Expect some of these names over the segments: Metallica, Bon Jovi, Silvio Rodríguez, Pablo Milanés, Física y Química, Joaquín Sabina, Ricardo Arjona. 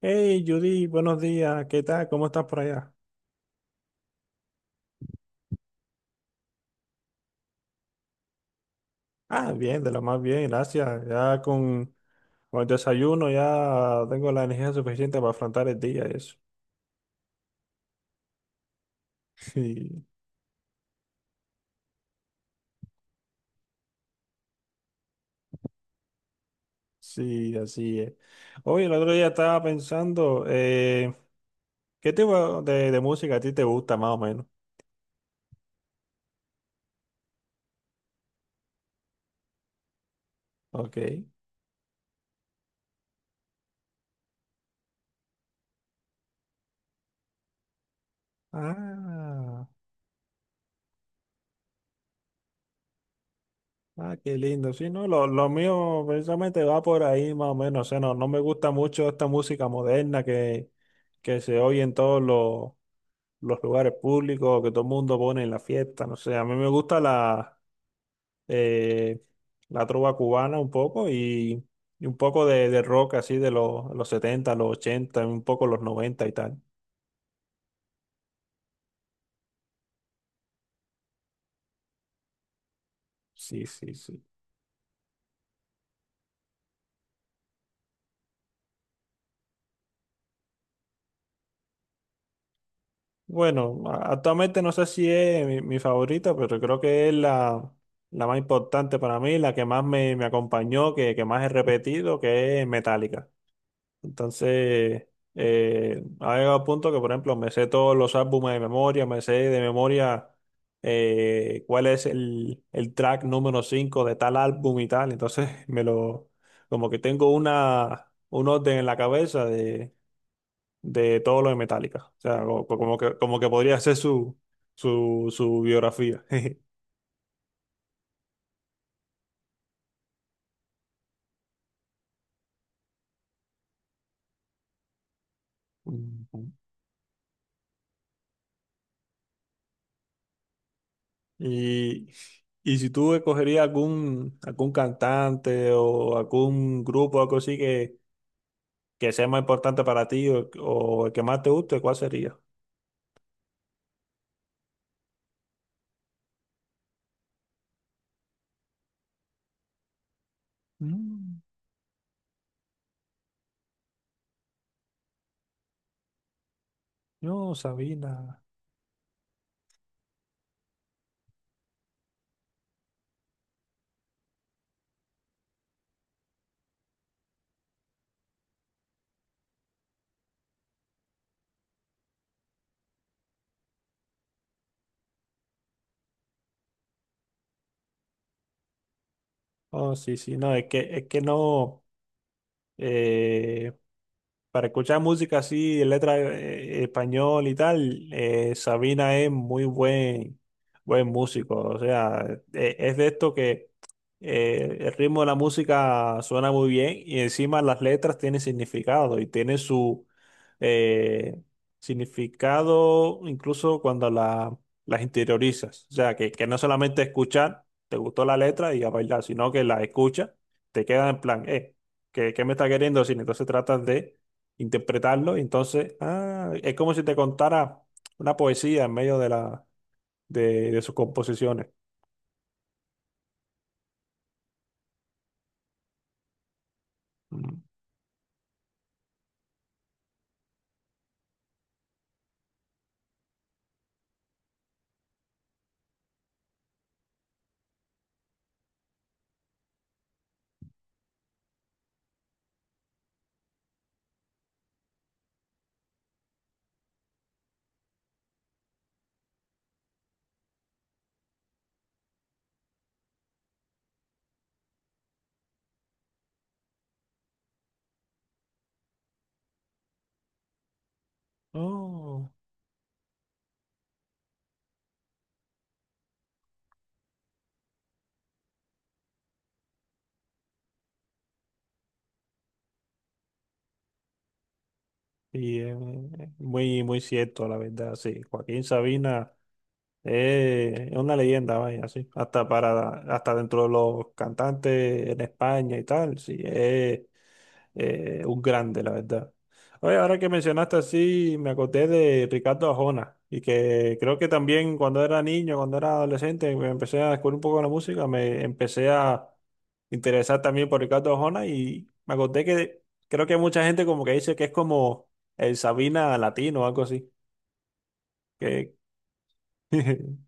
Hey Judy, buenos días, ¿qué tal? ¿Cómo estás por allá? Ah, bien, de lo más bien, gracias. Con el desayuno ya tengo la energía suficiente para afrontar el día, y eso. Sí, sí, así es. Oye, el otro día estaba pensando, ¿qué tipo de música a ti te gusta más o menos? Ok. Ah, ah, qué lindo. Sí, no, lo mío precisamente va por ahí más o menos. O sea, no, no me gusta mucho esta música moderna que se oye en todos los lugares públicos que todo el mundo pone en la fiesta, no sé, a mí me gusta eh, la trova cubana un poco y un poco de rock así de los 70 los 80 un poco los 90 y tal. Sí. Bueno, actualmente no sé si es mi favorita, pero creo que es la, la más importante para mí, la que más me, me acompañó, que más he repetido, que es Metallica. Entonces, ha llegado a punto que, por ejemplo, me sé todos los álbumes de memoria, me sé de memoria cuál es el track número 5 de tal álbum y tal. Entonces, como que tengo una, un orden en la cabeza de todo lo de Metallica. O sea, como, como que podría ser su, su biografía. Ujú. Y, y si tú escogerías algún, algún cantante o algún grupo o algo así que sea más importante para ti o el que más te guste, ¿cuál sería? Mm, no, Sabina. Oh, no, es que no. eh, para escuchar música así, letra español y tal, Sabina es muy buen músico. O sea, es de esto que el ritmo de la música suena muy bien y encima las letras tienen significado y tiene su eh, significado incluso cuando las interiorizas. O sea, que no solamente escuchar, te gustó la letra y a bailar, sino que la escuchas, te queda en plan, ¿qué, qué me está queriendo decir? Entonces tratas de interpretarlo. Y entonces, ah, es como si te contara una poesía en medio de sus composiciones. Mm. Oh, es muy, muy cierto, la verdad, sí. Joaquín Sabina es una leyenda, vaya, sí. Hasta, para, hasta dentro de los cantantes en España y tal, sí. es un grande, la verdad. Oye, ahora que mencionaste así, me acordé de Ricardo Arjona y que creo que también cuando era niño, cuando era adolescente, me empecé a descubrir un poco la música, me empecé a interesar también por Ricardo Arjona y me acordé que creo que mucha gente como que dice que es como el Sabina latino o algo así. Que...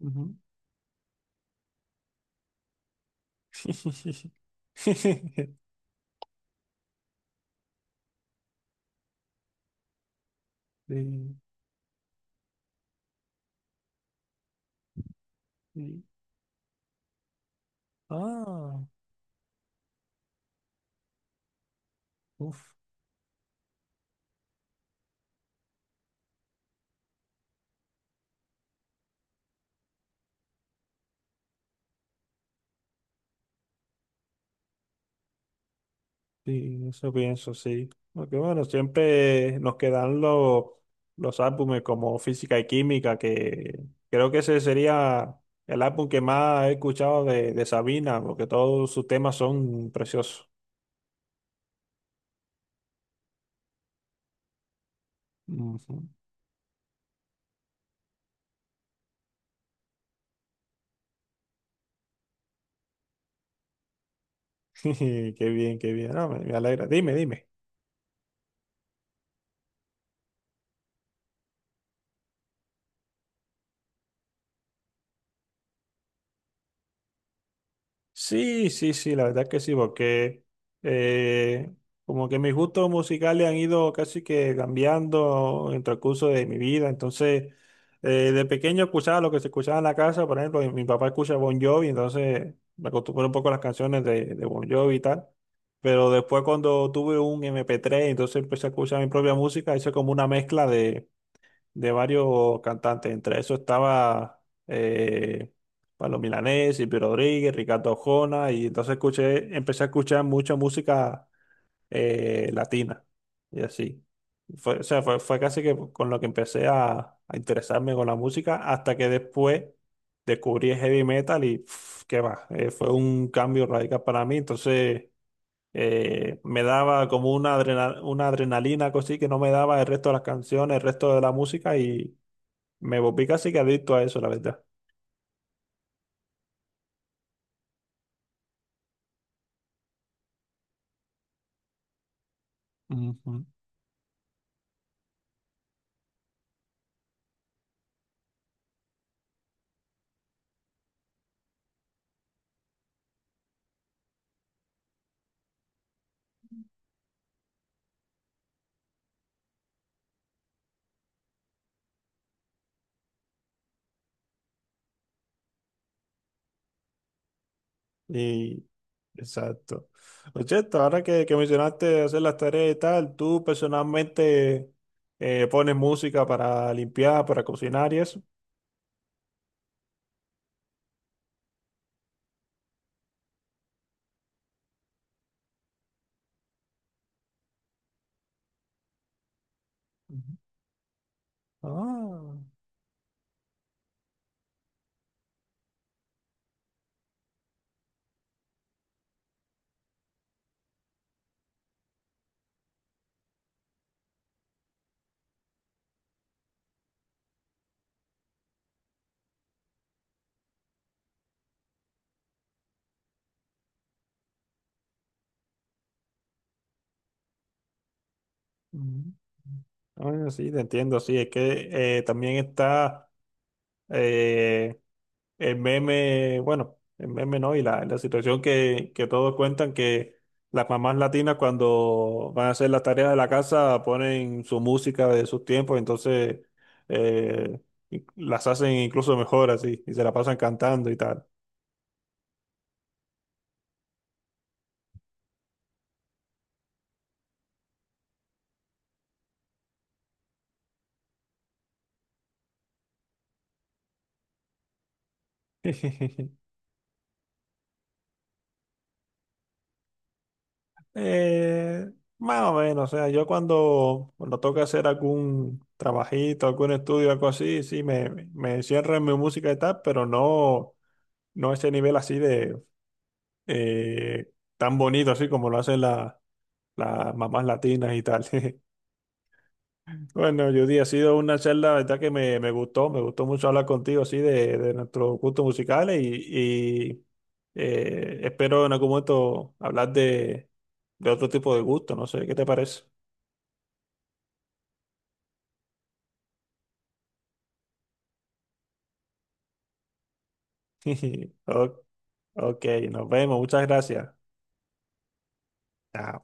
Ujú. Sí, sí. Ah, uf. Sí, eso pienso, sí. Porque bueno, siempre nos quedan los álbumes como Física y Química, que creo que ese sería el álbum que más he escuchado de Sabina, porque todos sus temas son preciosos. Ujú. Qué bien, qué bien. No, me alegra. Dime, dime. Sí, sí, sí, la verdad que sí, porque eh, como que mis gustos musicales han ido casi que cambiando en el transcurso de mi vida. Entonces, de pequeño escuchaba lo que se escuchaba en la casa, por ejemplo, mi papá escucha Bon Jovi, entonces me acostumbré un poco a las canciones de Bon Jovi y tal. Pero después cuando tuve un MP3, entonces empecé a escuchar mi propia música, hice como una mezcla de varios cantantes. Entre eso estaba eh, Pablo Milanés, Silvio Rodríguez, Ricardo Arjona, y entonces empecé a escuchar mucha música latina y así. Fue, o sea, fue, fue casi que con lo que empecé a interesarme con la música hasta que después descubrí el heavy metal y pf, qué va, fue un cambio radical para mí. Entonces me daba como una, una adrenalina, cosí que no me daba el resto de las canciones, el resto de la música y me volví casi que adicto a eso, la verdad. Ujú. Y exacto. Oye, ahora que mencionaste hacer las tareas y tal, ¿tú personalmente pones música para limpiar, para cocinar y eso? Ujú. Ah, ujú. Ah, sí, te entiendo, sí, es que también está eh, el meme, bueno, el meme no, y la situación que todos cuentan que las mamás latinas cuando van a hacer las tareas de la casa ponen su música de sus tiempos, entonces eh, las hacen incluso mejor así, y se la pasan cantando y tal. Eh, más o menos, o sea, yo cuando, cuando toca hacer algún trabajito, algún estudio, algo así, sí, me encierro en mi música y tal, pero no, no a ese nivel así de eh, tan bonito así como lo hacen las mamás latinas y tal. Bueno, Judy, ha sido una charla, la verdad que me gustó mucho hablar contigo así de nuestros gustos musicales espero en algún momento hablar de otro tipo de gusto, no sé, ¿qué te parece? O- Ok, nos vemos, muchas gracias. Chao.